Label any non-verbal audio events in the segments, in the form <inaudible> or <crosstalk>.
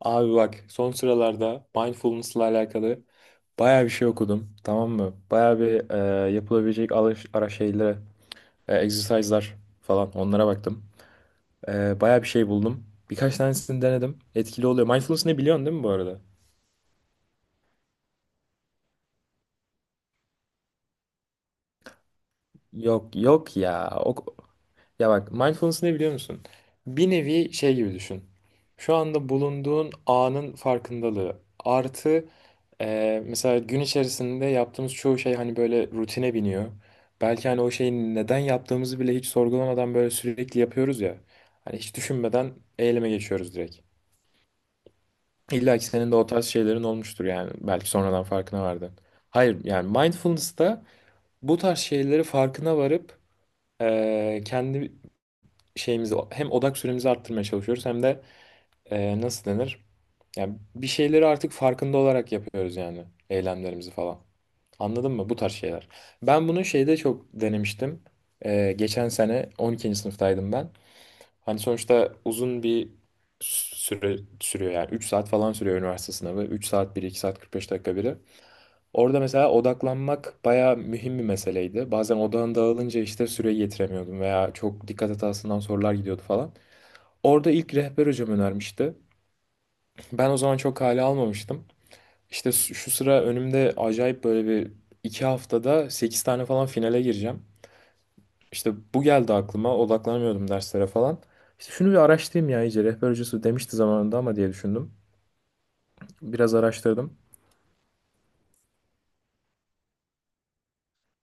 Abi bak son sıralarda mindfulness'la alakalı bayağı bir şey okudum, tamam mı? Bayağı bir yapılabilecek alış, ara şeylere, exercise'lar falan onlara baktım. Bayağı bir şey buldum. Birkaç tanesini denedim. Etkili oluyor. Mindfulness ne, biliyorsun değil mi bu arada? Yok yok ya. O, ya bak mindfulness ne, biliyor musun? Bir nevi şey gibi düşün. Şu anda bulunduğun anın farkındalığı artı mesela gün içerisinde yaptığımız çoğu şey hani böyle rutine biniyor. Belki hani o şeyi neden yaptığımızı bile hiç sorgulamadan böyle sürekli yapıyoruz ya. Hani hiç düşünmeden eyleme geçiyoruz direkt. İlla ki senin de o tarz şeylerin olmuştur yani. Belki sonradan farkına vardın. Hayır, yani mindfulness'ta bu tarz şeyleri farkına varıp kendi şeyimizi, hem odak süremizi arttırmaya çalışıyoruz hem de nasıl denir? Yani bir şeyleri artık farkında olarak yapıyoruz, yani eylemlerimizi falan. Anladın mı? Bu tarz şeyler. Ben bunu şeyde çok denemiştim. Geçen sene 12. sınıftaydım ben. Hani sonuçta uzun bir süre sürüyor, yani 3 saat falan sürüyor üniversite sınavı. 3 saat 1 2 saat 45 dakika biri. Orada mesela odaklanmak bayağı mühim bir meseleydi. Bazen odağın dağılınca işte süreyi yetiremiyordum veya çok dikkat hatasından sorular gidiyordu falan. Orada ilk rehber hocam önermişti. Ben o zaman çok hale almamıştım. İşte şu sıra önümde acayip böyle bir iki haftada 8 tane falan finale gireceğim. İşte bu geldi aklıma, odaklanamıyordum derslere falan. İşte şunu bir araştırayım ya iyice, rehber hocası demişti zamanında ama, diye düşündüm. Biraz araştırdım.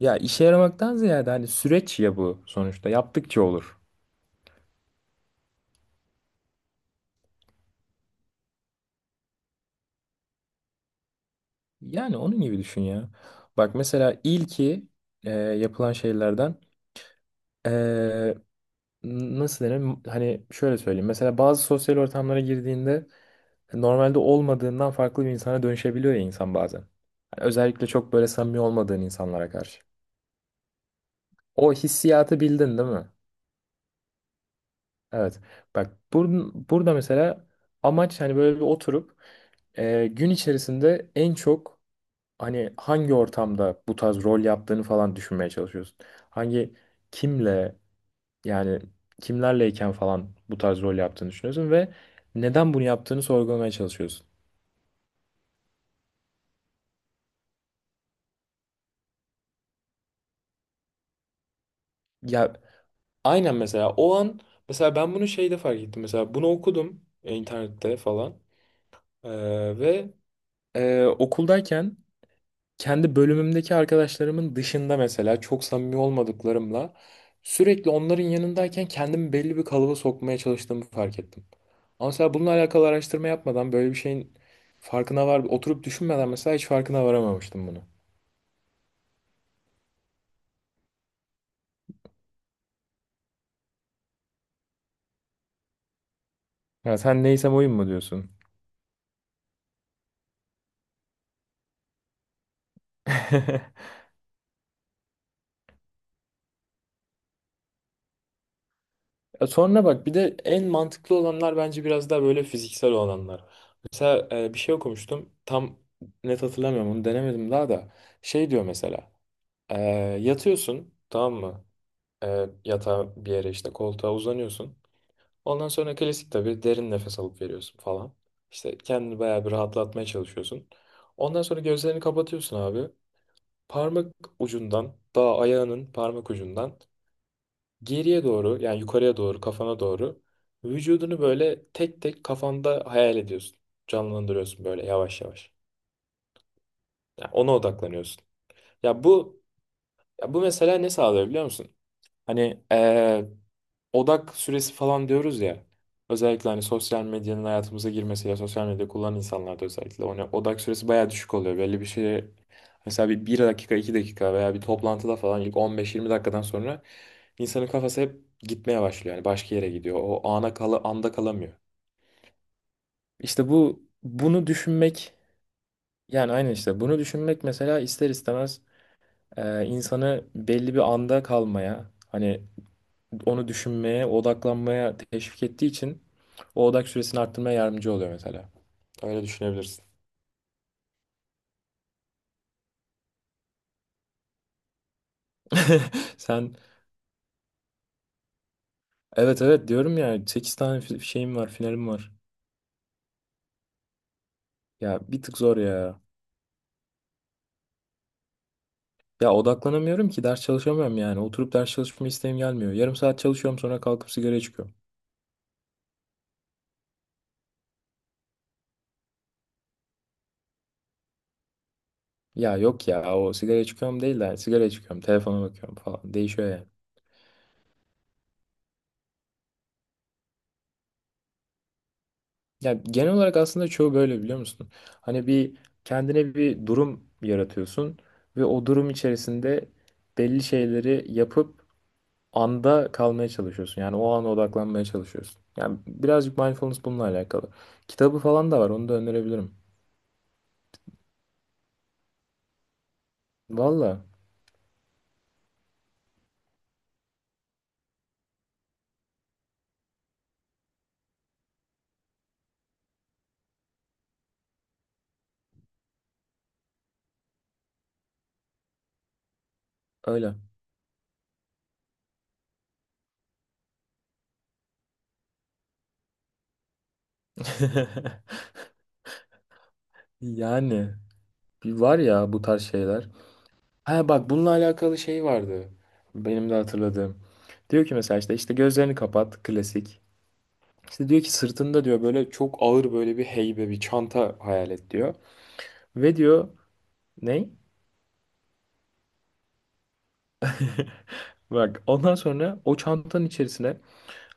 Ya işe yaramaktan ziyade hani süreç ya bu, sonuçta yaptıkça olur. Yani onun gibi düşün ya. Bak mesela ilki yapılan şeylerden e, nasıl denir? Hani şöyle söyleyeyim. Mesela bazı sosyal ortamlara girdiğinde normalde olmadığından farklı bir insana dönüşebiliyor ya insan bazen. Hani özellikle çok böyle samimi olmadığın insanlara karşı. O hissiyatı bildin değil mi? Evet. Bak burada mesela amaç hani böyle bir oturup gün içerisinde en çok hani hangi ortamda bu tarz rol yaptığını falan düşünmeye çalışıyorsun. Hangi kimle, yani kimlerleyken falan bu tarz rol yaptığını düşünüyorsun ve neden bunu yaptığını sorgulamaya çalışıyorsun. Ya aynen, mesela o an mesela ben bunu şeyde fark ettim. Mesela bunu okudum internette falan. Ve okuldayken kendi bölümümdeki arkadaşlarımın dışında mesela çok samimi olmadıklarımla sürekli onların yanındayken kendimi belli bir kalıba sokmaya çalıştığımı fark ettim. Ama mesela bununla alakalı araştırma yapmadan böyle bir şeyin farkına var, oturup düşünmeden mesela hiç farkına varamamıştım bunu. Ya sen neysem oyun mu diyorsun? <laughs> Ya sonra bak bir de en mantıklı olanlar bence biraz daha böyle fiziksel olanlar. Mesela bir şey okumuştum. Tam net hatırlamıyorum, onu denemedim daha da. Şey diyor mesela. e, Yatıyorsun, tamam mı? Yatağa bir yere, işte koltuğa uzanıyorsun. Ondan sonra klasik tabii derin nefes alıp veriyorsun falan. İşte kendini bayağı bir rahatlatmaya çalışıyorsun. Ondan sonra gözlerini kapatıyorsun abi. Parmak ucundan, daha ayağının parmak ucundan geriye doğru, yani yukarıya doğru, kafana doğru vücudunu böyle tek tek kafanda hayal ediyorsun. Canlandırıyorsun böyle yavaş yavaş. Yani ona odaklanıyorsun. Ya bu, ya bu mesela ne sağlıyor, biliyor musun? Hani odak süresi falan diyoruz ya. Özellikle hani sosyal medyanın hayatımıza girmesiyle sosyal medya kullanan insanlarda özellikle ona odak süresi bayağı düşük oluyor. Belli bir şeye mesela bir, bir dakika 2 dakika veya bir toplantıda falan ilk 15-20 dakikadan sonra insanın kafası hep gitmeye başlıyor. Yani başka yere gidiyor. O ana kala, anda kalamıyor. İşte bu, bunu düşünmek, yani aynı işte bunu düşünmek mesela ister istemez insanı belli bir anda kalmaya, hani onu düşünmeye, odaklanmaya teşvik ettiği için o odak süresini arttırmaya yardımcı oluyor mesela. Öyle düşünebilirsin. <laughs> Sen, evet evet diyorum ya, 8 tane şeyim var, finalim var. Ya bir tık zor ya. Ya odaklanamıyorum ki, ders çalışamıyorum yani. Oturup ders çalışma isteğim gelmiyor. Yarım saat çalışıyorum, sonra kalkıp sigaraya çıkıyorum. Ya yok ya, o sigaraya çıkıyorum değil de hani sigaraya çıkıyorum, telefona bakıyorum falan. Değişiyor yani. Ya genel olarak aslında çoğu böyle, biliyor musun? Hani bir kendine bir durum yaratıyorsun ve o durum içerisinde belli şeyleri yapıp anda kalmaya çalışıyorsun. Yani o ana odaklanmaya çalışıyorsun. Yani birazcık mindfulness bununla alakalı. Kitabı falan da var, onu da önerebilirim. Valla öyle. <laughs> Yani bir var ya bu tarz şeyler. Ha bak bununla alakalı şey vardı. Benim de hatırladığım. Diyor ki mesela, işte işte gözlerini kapat klasik. İşte diyor ki, sırtında diyor böyle çok ağır böyle bir heybe bir çanta hayal et diyor. Ve diyor ne? Bak, ondan sonra o çantanın içerisine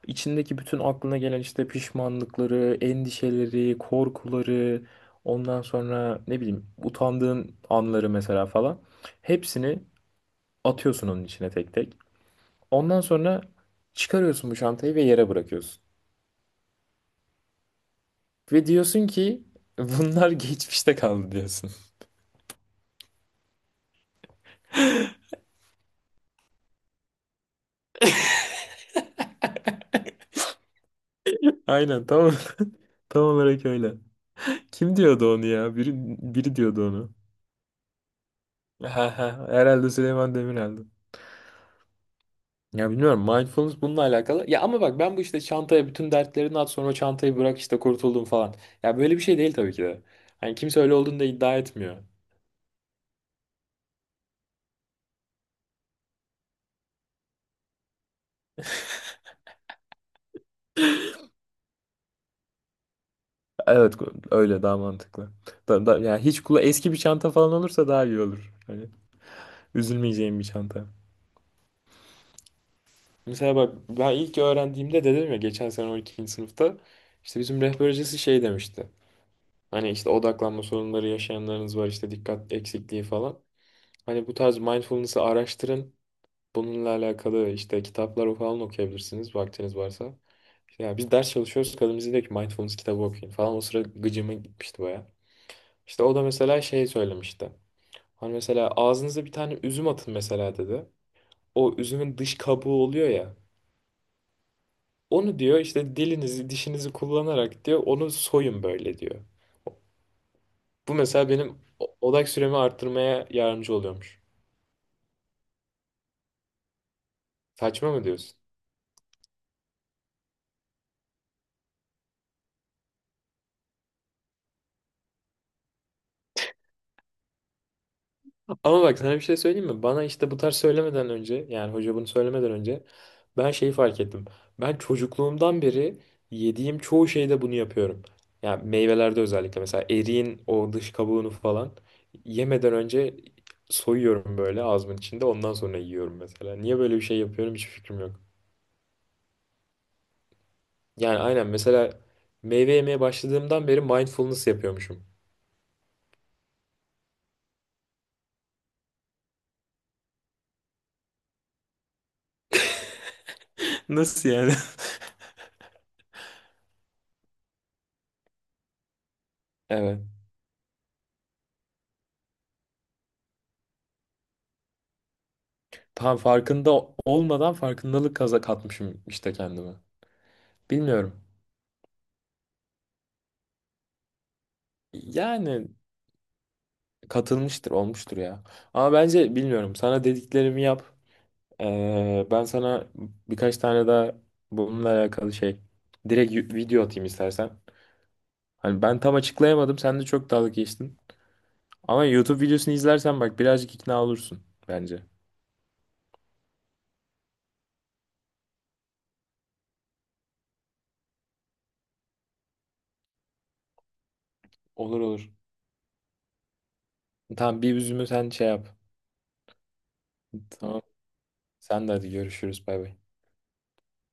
içindeki bütün aklına gelen işte pişmanlıkları, endişeleri, korkuları, ondan sonra ne bileyim utandığın anları mesela falan hepsini atıyorsun onun içine tek tek. Ondan sonra çıkarıyorsun bu çantayı ve yere bırakıyorsun. Ve diyorsun ki bunlar <laughs> geçmişte kaldı diyorsun. <laughs> Aynen, tamam, tam olarak öyle. Kim diyordu onu ya? Biri, biri diyordu onu. Ha ha. Herhalde Süleyman Demirel'di. Ya bilmiyorum, mindfulness bununla alakalı. Ya ama bak ben bu işte çantaya bütün dertlerini at, sonra çantayı bırak işte kurtuldum falan. Ya böyle bir şey değil tabii ki de. Hani kimse öyle olduğunu da iddia etmiyor. Evet, öyle daha mantıklı. Da, da, yani hiç kula eski bir çanta falan olursa daha iyi olur. Hani üzülmeyeceğim bir çanta. Mesela bak ben ilk öğrendiğimde dedim ya, geçen sene 12. sınıfta işte bizim rehber hocası şey demişti. Hani işte odaklanma sorunları yaşayanlarınız var, işte dikkat eksikliği falan. Hani bu tarz mindfulness'ı araştırın. Bununla alakalı işte kitaplar falan okuyabilirsiniz vaktiniz varsa. İşte ya biz ders çalışıyoruz, kadın bize diyor ki mindfulness kitabı okuyun falan. O sıra gıcıma gitmişti baya. İşte o da mesela şey söylemişti. Hani mesela ağzınıza bir tane üzüm atın mesela, dedi. O üzümün dış kabuğu oluyor ya. Onu diyor işte dilinizi dişinizi kullanarak diyor onu soyun böyle diyor. Bu mesela benim odak süremi arttırmaya yardımcı oluyormuş. Saçma mı diyorsun? Ama bak sana bir şey söyleyeyim mi? Bana işte bu tarz söylemeden önce, yani hoca bunu söylemeden önce ben şeyi fark ettim. Ben çocukluğumdan beri yediğim çoğu şeyde bunu yapıyorum. Yani meyvelerde özellikle mesela eriğin o dış kabuğunu falan yemeden önce soyuyorum böyle ağzımın içinde, ondan sonra yiyorum mesela. Niye böyle bir şey yapıyorum hiç fikrim yok. Yani aynen, mesela meyve yemeye başladığımdan beri mindfulness yapıyormuşum. <laughs> Nasıl yani? <laughs> Evet. Tam farkında olmadan farkındalık kaza katmışım işte kendime. Bilmiyorum. Yani katılmıştır, olmuştur ya. Ama bence bilmiyorum. Sana dediklerimi yap. Ben sana birkaç tane daha bununla alakalı şey, direkt video atayım istersen. Hani ben tam açıklayamadım. Sen de çok dalga geçtin. Ama YouTube videosunu izlersen bak birazcık ikna olursun bence. Olur olur. Tamam, bir üzümü sen şey yap. Tamam. Sen de hadi görüşürüz. Bay bay.